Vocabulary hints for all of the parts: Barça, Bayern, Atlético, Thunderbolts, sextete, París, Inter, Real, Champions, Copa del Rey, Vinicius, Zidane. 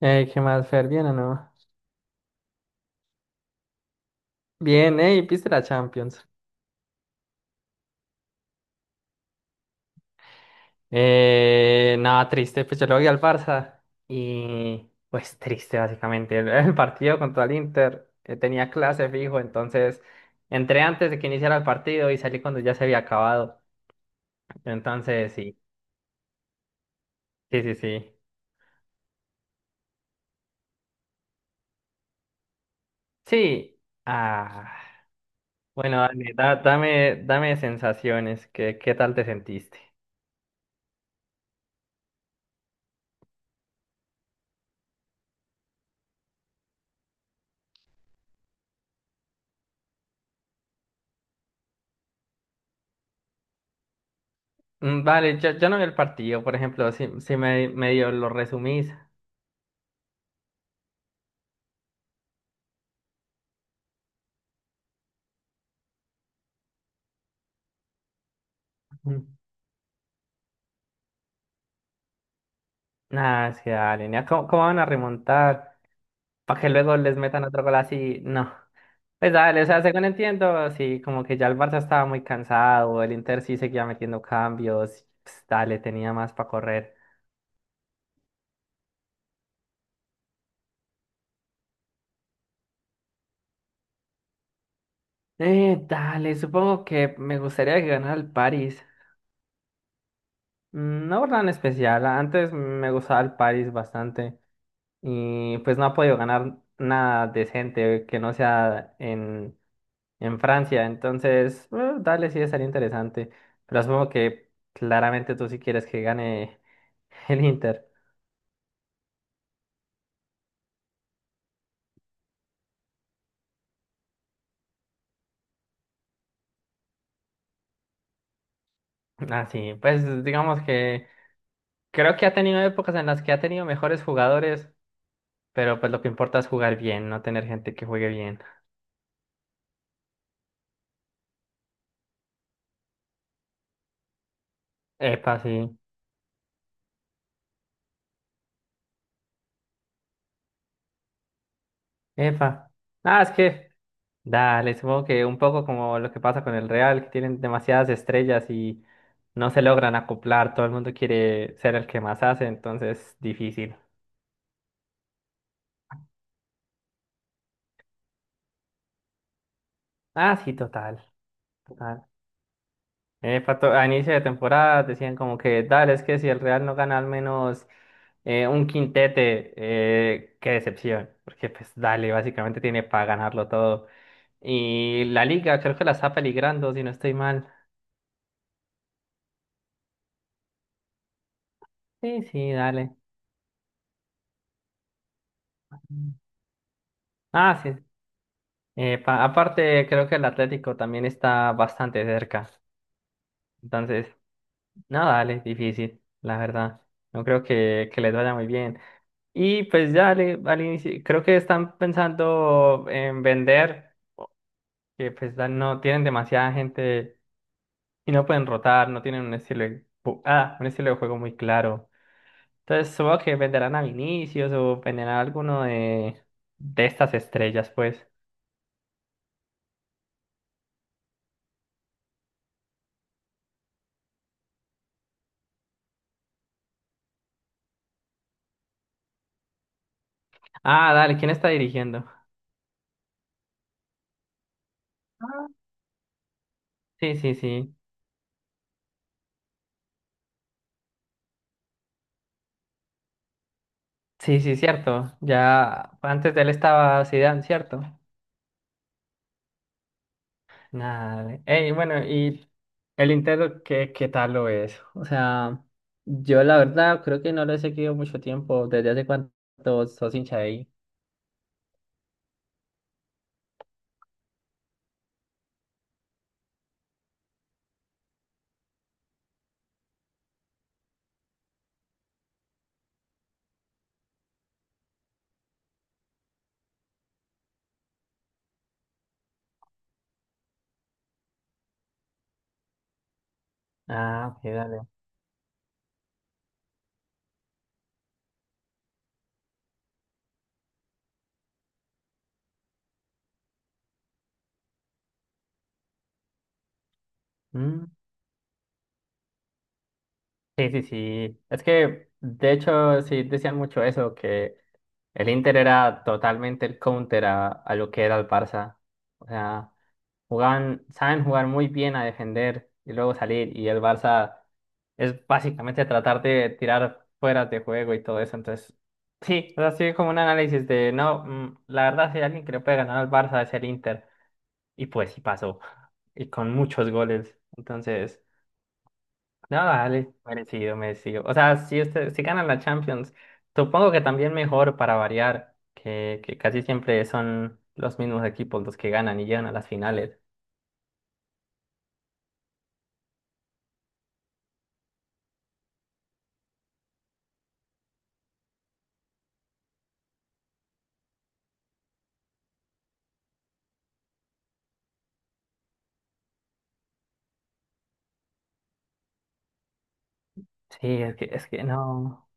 Ey, ¿qué más, Fer? ¿Bien o no? Bien, ey, ¿viste la Champions? Nada, triste, pues yo le voy al Barça y pues triste básicamente. El partido contra el Inter tenía clase fijo, entonces entré antes de que iniciara el partido y salí cuando ya se había acabado. Entonces, sí, sí, sí, sí. Sí, ah, bueno, dale, dame, dame sensaciones, ¿ qué tal te sentiste? Mm, vale, yo no vi el partido, por ejemplo, si me, medio lo resumís. Ah, sí, dale, nea, ¿cómo, cómo van a remontar? Para que luego les metan otro gol así. No. Pues dale, o sea, según entiendo, sí, como que ya el Barça estaba muy cansado, el Inter sí seguía metiendo cambios, pues, dale, tenía más para correr. Dale, supongo que me gustaría que ganara el París. Mm, no por nada en especial, antes me gustaba el París bastante y pues no ha podido ganar nada decente que no sea en Francia. Entonces, dale, sí, estaría interesante. Pero supongo que claramente tú sí quieres que gane el Inter. Ah, sí, pues digamos que creo que ha tenido épocas en las que ha tenido mejores jugadores, pero pues lo que importa es jugar bien, no tener gente que juegue bien. Epa, sí. Epa. Ah, es que, dale, supongo que un poco como lo que pasa con el Real, que tienen demasiadas estrellas y no se logran acoplar, todo el mundo quiere ser el que más hace, entonces difícil. Ah, sí, total. Ah, a inicio de temporada decían como que, dale, es que si el Real no gana al menos un quintete, qué decepción, porque pues dale, básicamente tiene para ganarlo todo. Y la liga creo que la está peligrando, si no estoy mal. Sí, sí, dale. Ah, sí. Pa- aparte, creo que el Atlético también está bastante cerca. Entonces, no, dale, difícil, la verdad. No creo que les vaya muy bien. Y pues ya al inicio, creo que están pensando en vender, que pues ya no tienen demasiada gente y no pueden rotar, no tienen un estilo de, un estilo de juego muy claro. Entonces supongo que venderán a Vinicius o venderán a alguno de estas estrellas, pues. Ah, dale, ¿quién está dirigiendo? Sí, sí, sí. Sí, sí, cierto. Ya antes de él estaba Zidane, ¿cierto? Nada. Ey, bueno, ¿y el Inter qué, qué tal lo es? O sea, yo la verdad creo que no lo he seguido mucho tiempo. ¿Desde hace cuánto sos hincha de ahí? Ah, ok, dale. Mm, sí, sí, sí. Es que, de hecho, sí decían mucho eso, que el Inter era totalmente el counter a lo que era el Barça. O sea, jugaban, saben jugar muy bien a defender y luego salir. Y el Barça es básicamente tratar de tirar fuera de juego y todo eso. Entonces, sí, o sea, sí, como un análisis de no, mm, la verdad, si hay alguien que le puede ganar al Barça es el Inter. Y pues sí pasó. Y con muchos goles. Entonces, no, dale, merecido, merecido. O sea, si, usted, si ganan la Champions, supongo que también mejor para variar, que casi siempre son los mismos equipos los que ganan y llegan a las finales. Sí, es que no,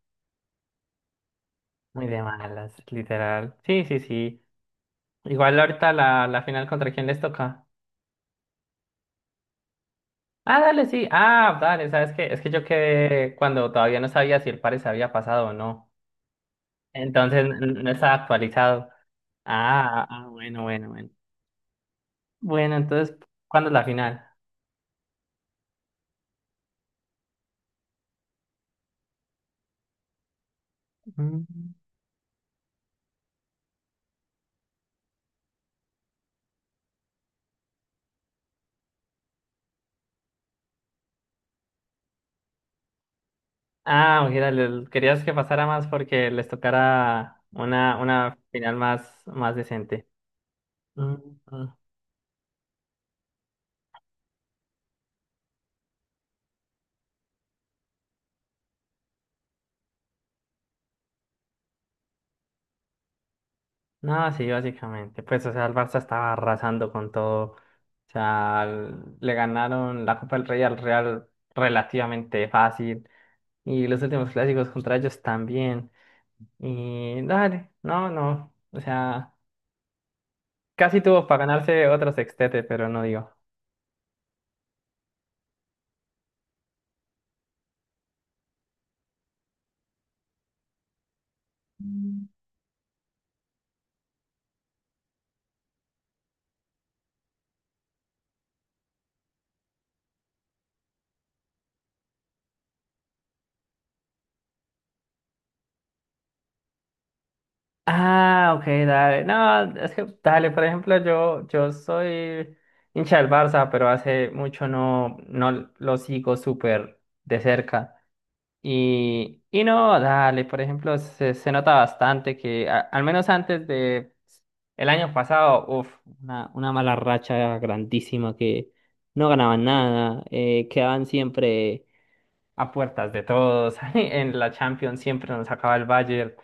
muy de malas, literal. Sí, sí, sí. Igual ahorita la, la final contra quién les toca. Ah, dale, sí. Ah, dale, ¿sabes qué? Es que yo quedé cuando todavía no sabía si el pare se había pasado o no. Entonces no estaba actualizado. Ah, ah, bueno, bueno, bueno. Bueno, entonces, ¿cuándo es la final? Mm. Ah, mira, querías que pasara más porque les tocara una final más, más decente. Mm. No, sí, básicamente. Pues, o sea, el Barça estaba arrasando con todo. O sea, le ganaron la Copa del Rey al Real relativamente fácil. Y los últimos clásicos contra ellos también. Y dale, no, no. O sea, casi tuvo para ganarse otro sextete, pero no dio. Ah, ok, dale. No, es que, dale, por ejemplo, yo soy hincha del Barça, pero hace mucho no, no lo sigo súper de cerca. Y no, dale, por ejemplo, se nota bastante que al menos antes de el año pasado, uf, una mala racha grandísima que no ganaban nada, quedaban siempre a puertas de todos, en la Champions siempre nos sacaba el Bayern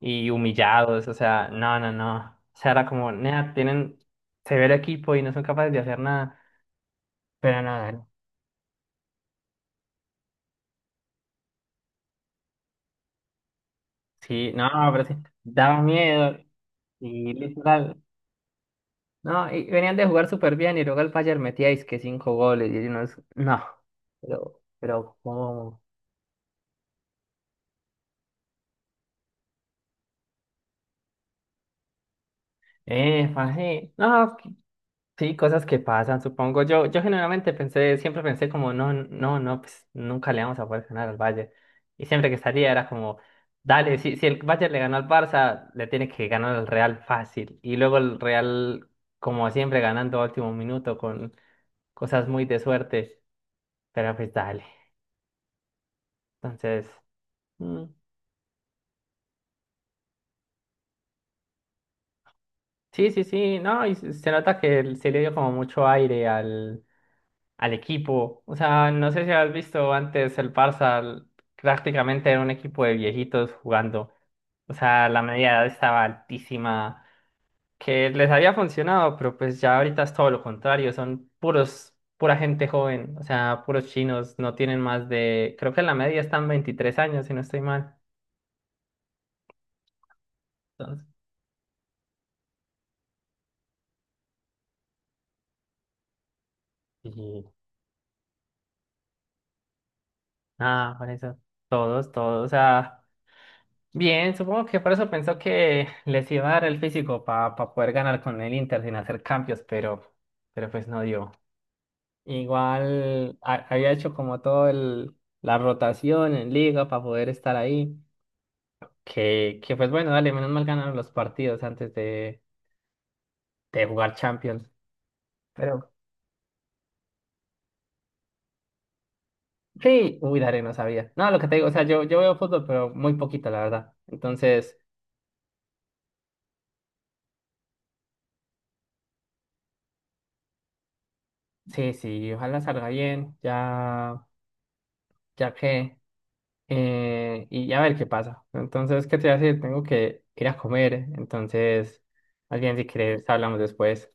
y humillados, o sea, no, no, no, o sea, era como, nea, tienen severo equipo y no son capaces de hacer nada, pero nada, sí, no, pero sí, daba miedo. Y literal, no, y venían de jugar súper bien y luego el Bayern metía que cinco goles y uno es... No, pero ¿cómo? Parce, no, sí, cosas que pasan, supongo. Yo generalmente pensé, siempre pensé como, no, no, no, pues nunca le vamos a poder ganar al Bayern. Y siempre que salía era como, dale, si, si el Bayern le ganó al Barça, le tiene que ganar al Real fácil. Y luego el Real, como siempre, ganando a último minuto con cosas muy de suerte, pero pues dale. Entonces... mm, sí, sí, sí, no, y se nota que se le dio como mucho aire al, al equipo. O sea, no sé si has visto antes el Barça, prácticamente era un equipo de viejitos jugando. O sea, la media edad estaba altísima, que les había funcionado, pero pues ya ahorita es todo lo contrario, son puros, pura gente joven, o sea, puros chinos, no tienen más de, creo que la media están 23 años, si no estoy mal. Entonces, y nada, por eso, todos, todos, o sea. Bien, supongo que por eso pensó que les iba a dar el físico para poder ganar con el Inter sin hacer cambios, pero pues no dio. Igual había hecho como todo el, la rotación en liga para poder estar ahí, que pues bueno, dale, menos mal ganaron los partidos antes de jugar Champions. Pero sí, uy, dale, no sabía. No, lo que te digo, o sea, yo veo fútbol, pero muy poquito, la verdad. Entonces, sí, sí, ojalá salga bien, ya, ya que... y a ver qué pasa. Entonces, ¿qué te voy a decir? Tengo que ir a comer. Entonces, más bien si quieres, hablamos después.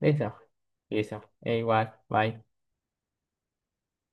Listo, listo. E igual, bye.